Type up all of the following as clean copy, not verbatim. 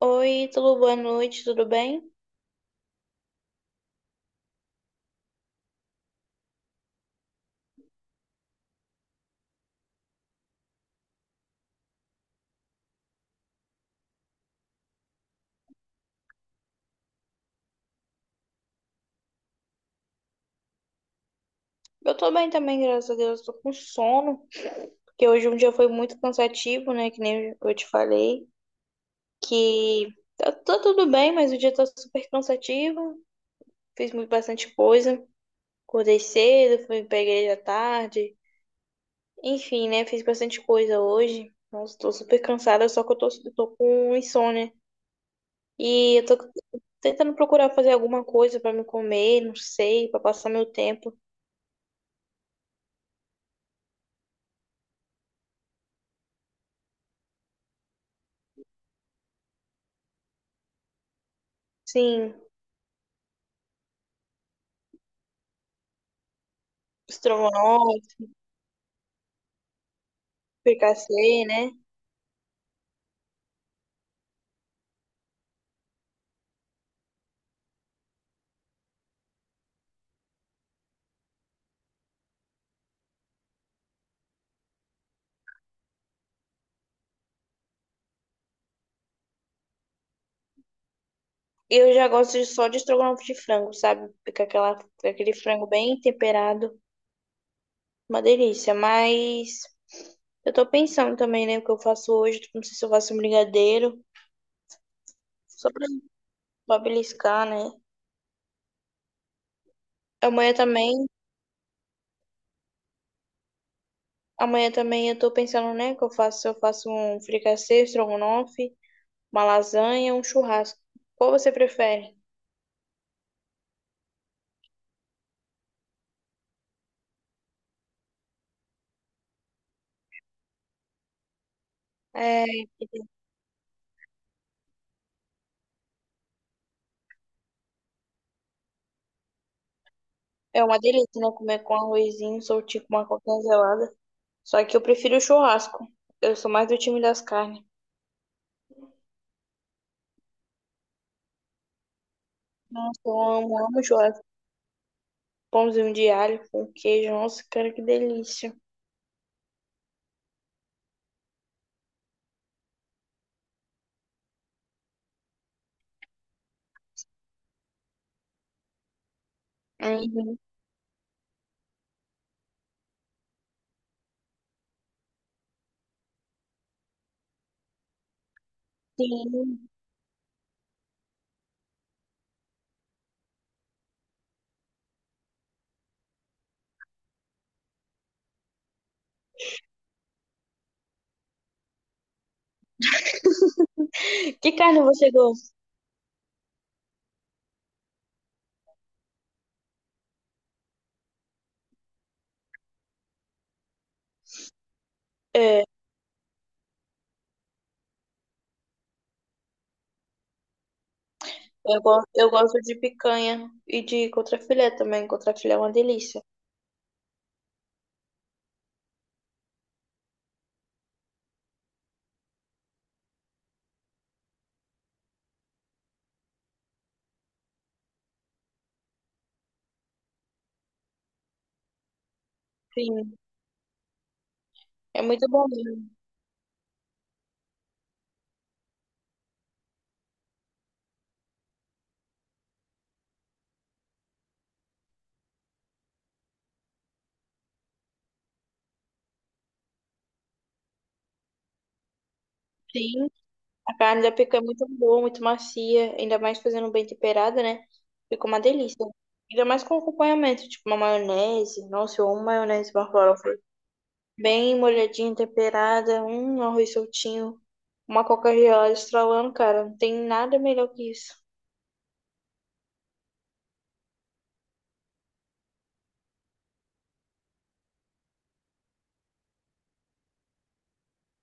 Oi, tudo boa noite, tudo bem? Eu tô bem também, graças a Deus, tô com sono, porque hoje um dia foi muito cansativo, né? Que nem eu te falei, que tá tudo bem, mas o dia tá super cansativo, fiz muito bastante coisa, acordei cedo, fui pra igreja à tarde, enfim, né? Fiz bastante coisa hoje, nossa, tô super cansada, só que eu tô com insônia. E eu tô tentando procurar fazer alguma coisa pra me comer, não sei, pra passar meu tempo. Sim, estrogonofe. Fricassê, né? Eu já gosto de- só de estrogonofe de frango, sabe? Fica aquela, fica aquele frango bem temperado, uma delícia. Mas eu tô pensando também, né? O que eu faço hoje, tipo, não sei se eu faço um brigadeiro, só pra beliscar, né? Amanhã também, amanhã também, eu tô pensando, né? Que eu faço, se eu faço um fricassê, estrogonofe, uma lasanha, um churrasco. Qual você prefere? É, é uma delícia, né? Comer com arrozinho, soltinho com uma coquinha gelada. Só que eu prefiro o churrasco. Eu sou mais do time das carnes. Nossa, eu amo, amo churrasco. Pãozinho de alho com queijo. Nossa, cara, que delícia. Uhum. Sim. Que carne você gosta? É, eu gosto de picanha e de contrafilé também. Contrafilé é uma delícia. Sim, é muito bom mesmo. Sim, a carne da picanha é muito boa, muito macia. Ainda mais fazendo bem temperada, né? Fica uma delícia. Ainda mais com acompanhamento, tipo uma maionese. Nossa, eu amo maionese, uma farofa. Bem molhadinha, temperada, um arroz soltinho, uma Coca-Cola estralando, cara. Não tem nada melhor que isso.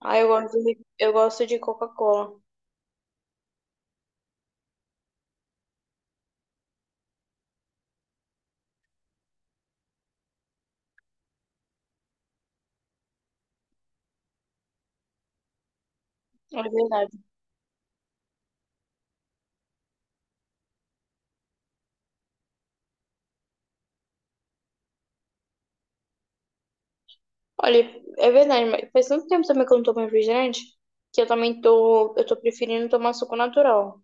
Ah, eu gosto de Coca-Cola. É verdade. Olha, é verdade, mas faz tanto tempo também que eu não tomo refrigerante que eu também tô, eu tô preferindo tomar suco natural.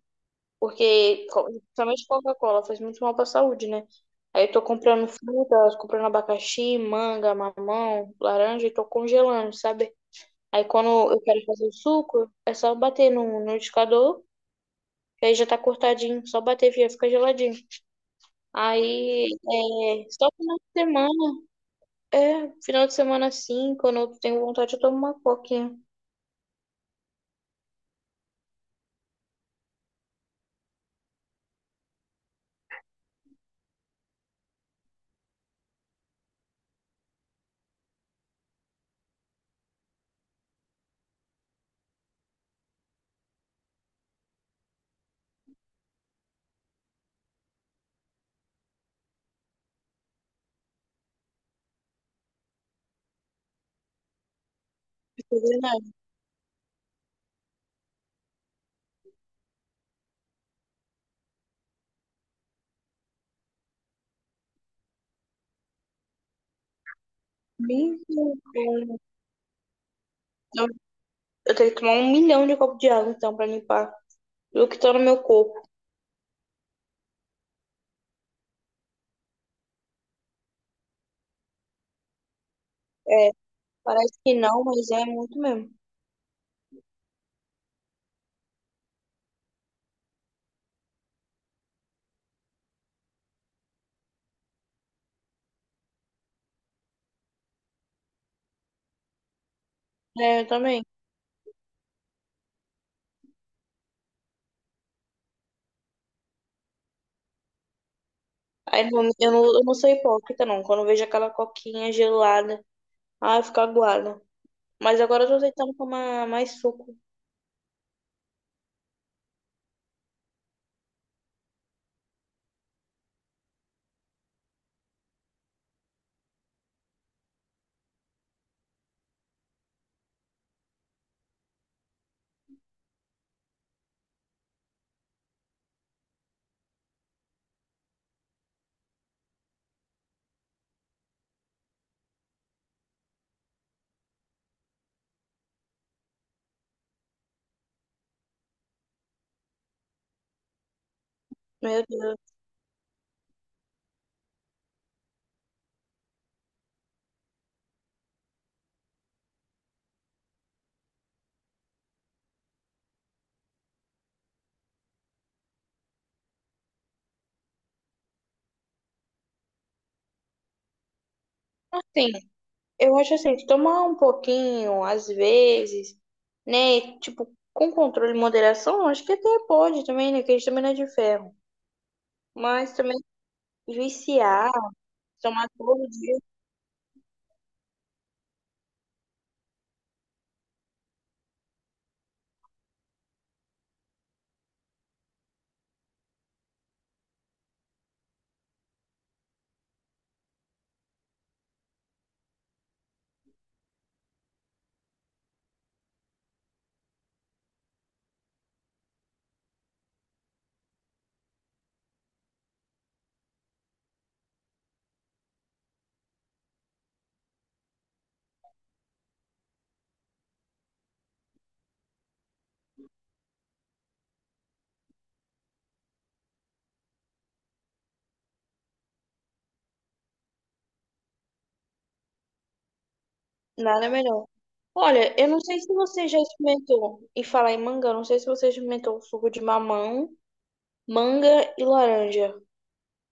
Porque, principalmente Coca-Cola, faz muito mal pra saúde, né? Aí eu tô comprando fruta, comprando abacaxi, manga, mamão, laranja e tô congelando, sabe? Aí quando eu quero fazer o suco, é só bater no liquidificador, que aí já tá cortadinho, só bater e fica geladinho. Aí é só final de semana assim, quando eu tenho vontade, eu tomo uma coquinha. Não fazer nada. Nem- Eu, eu tenho que tomar 1 milhão de copos de água, então, pra limpar o que tá no meu corpo. É, parece que não, mas é muito mesmo. É, eu também. Aí eu não sou hipócrita, não. Quando eu vejo aquela coquinha gelada, ah, eu fico aguada. Mas agora eu tô tentando tomar mais suco. Meu Deus. Assim, eu acho assim, que tomar um pouquinho, às vezes, né? Tipo, com controle e moderação, acho que até pode também, né? Que a gente também não é de ferro. Mas também viciar, tomar todo dia, nada melhor. Olha, eu não sei se você já experimentou, e falar em manga, eu não sei se você já experimentou o suco de mamão, manga e laranja.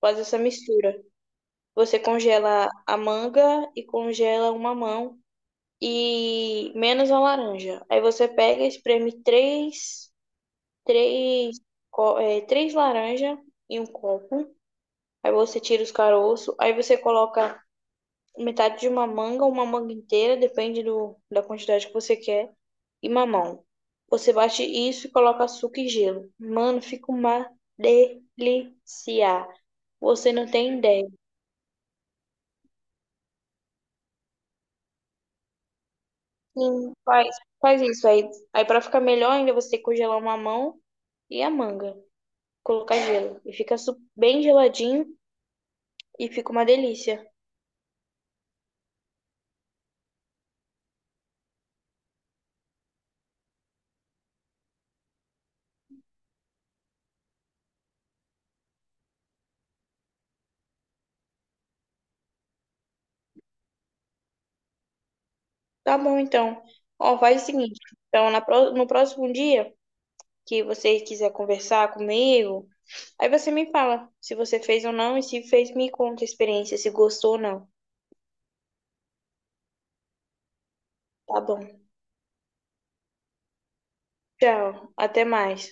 Faz essa mistura. Você congela a manga e congela o mamão. E menos a laranja. Aí você pega, espreme três, três laranjas em um copo. Aí você tira os caroços. Aí você coloca metade de uma manga inteira, depende do, da quantidade que você quer, e mamão. Você bate isso e coloca açúcar e gelo. Mano, fica uma delícia. Você não tem ideia. Sim, faz isso aí. Aí para ficar melhor ainda, você tem que congelar o mamão e a manga. Colocar gelo. E fica bem geladinho e fica uma delícia. Tá bom, então. Ó, faz o seguinte. Então, no próximo dia que você quiser conversar comigo, aí você me fala se você fez ou não e se fez, me conta a experiência, se gostou ou não. Tá bom. Tchau. Até mais.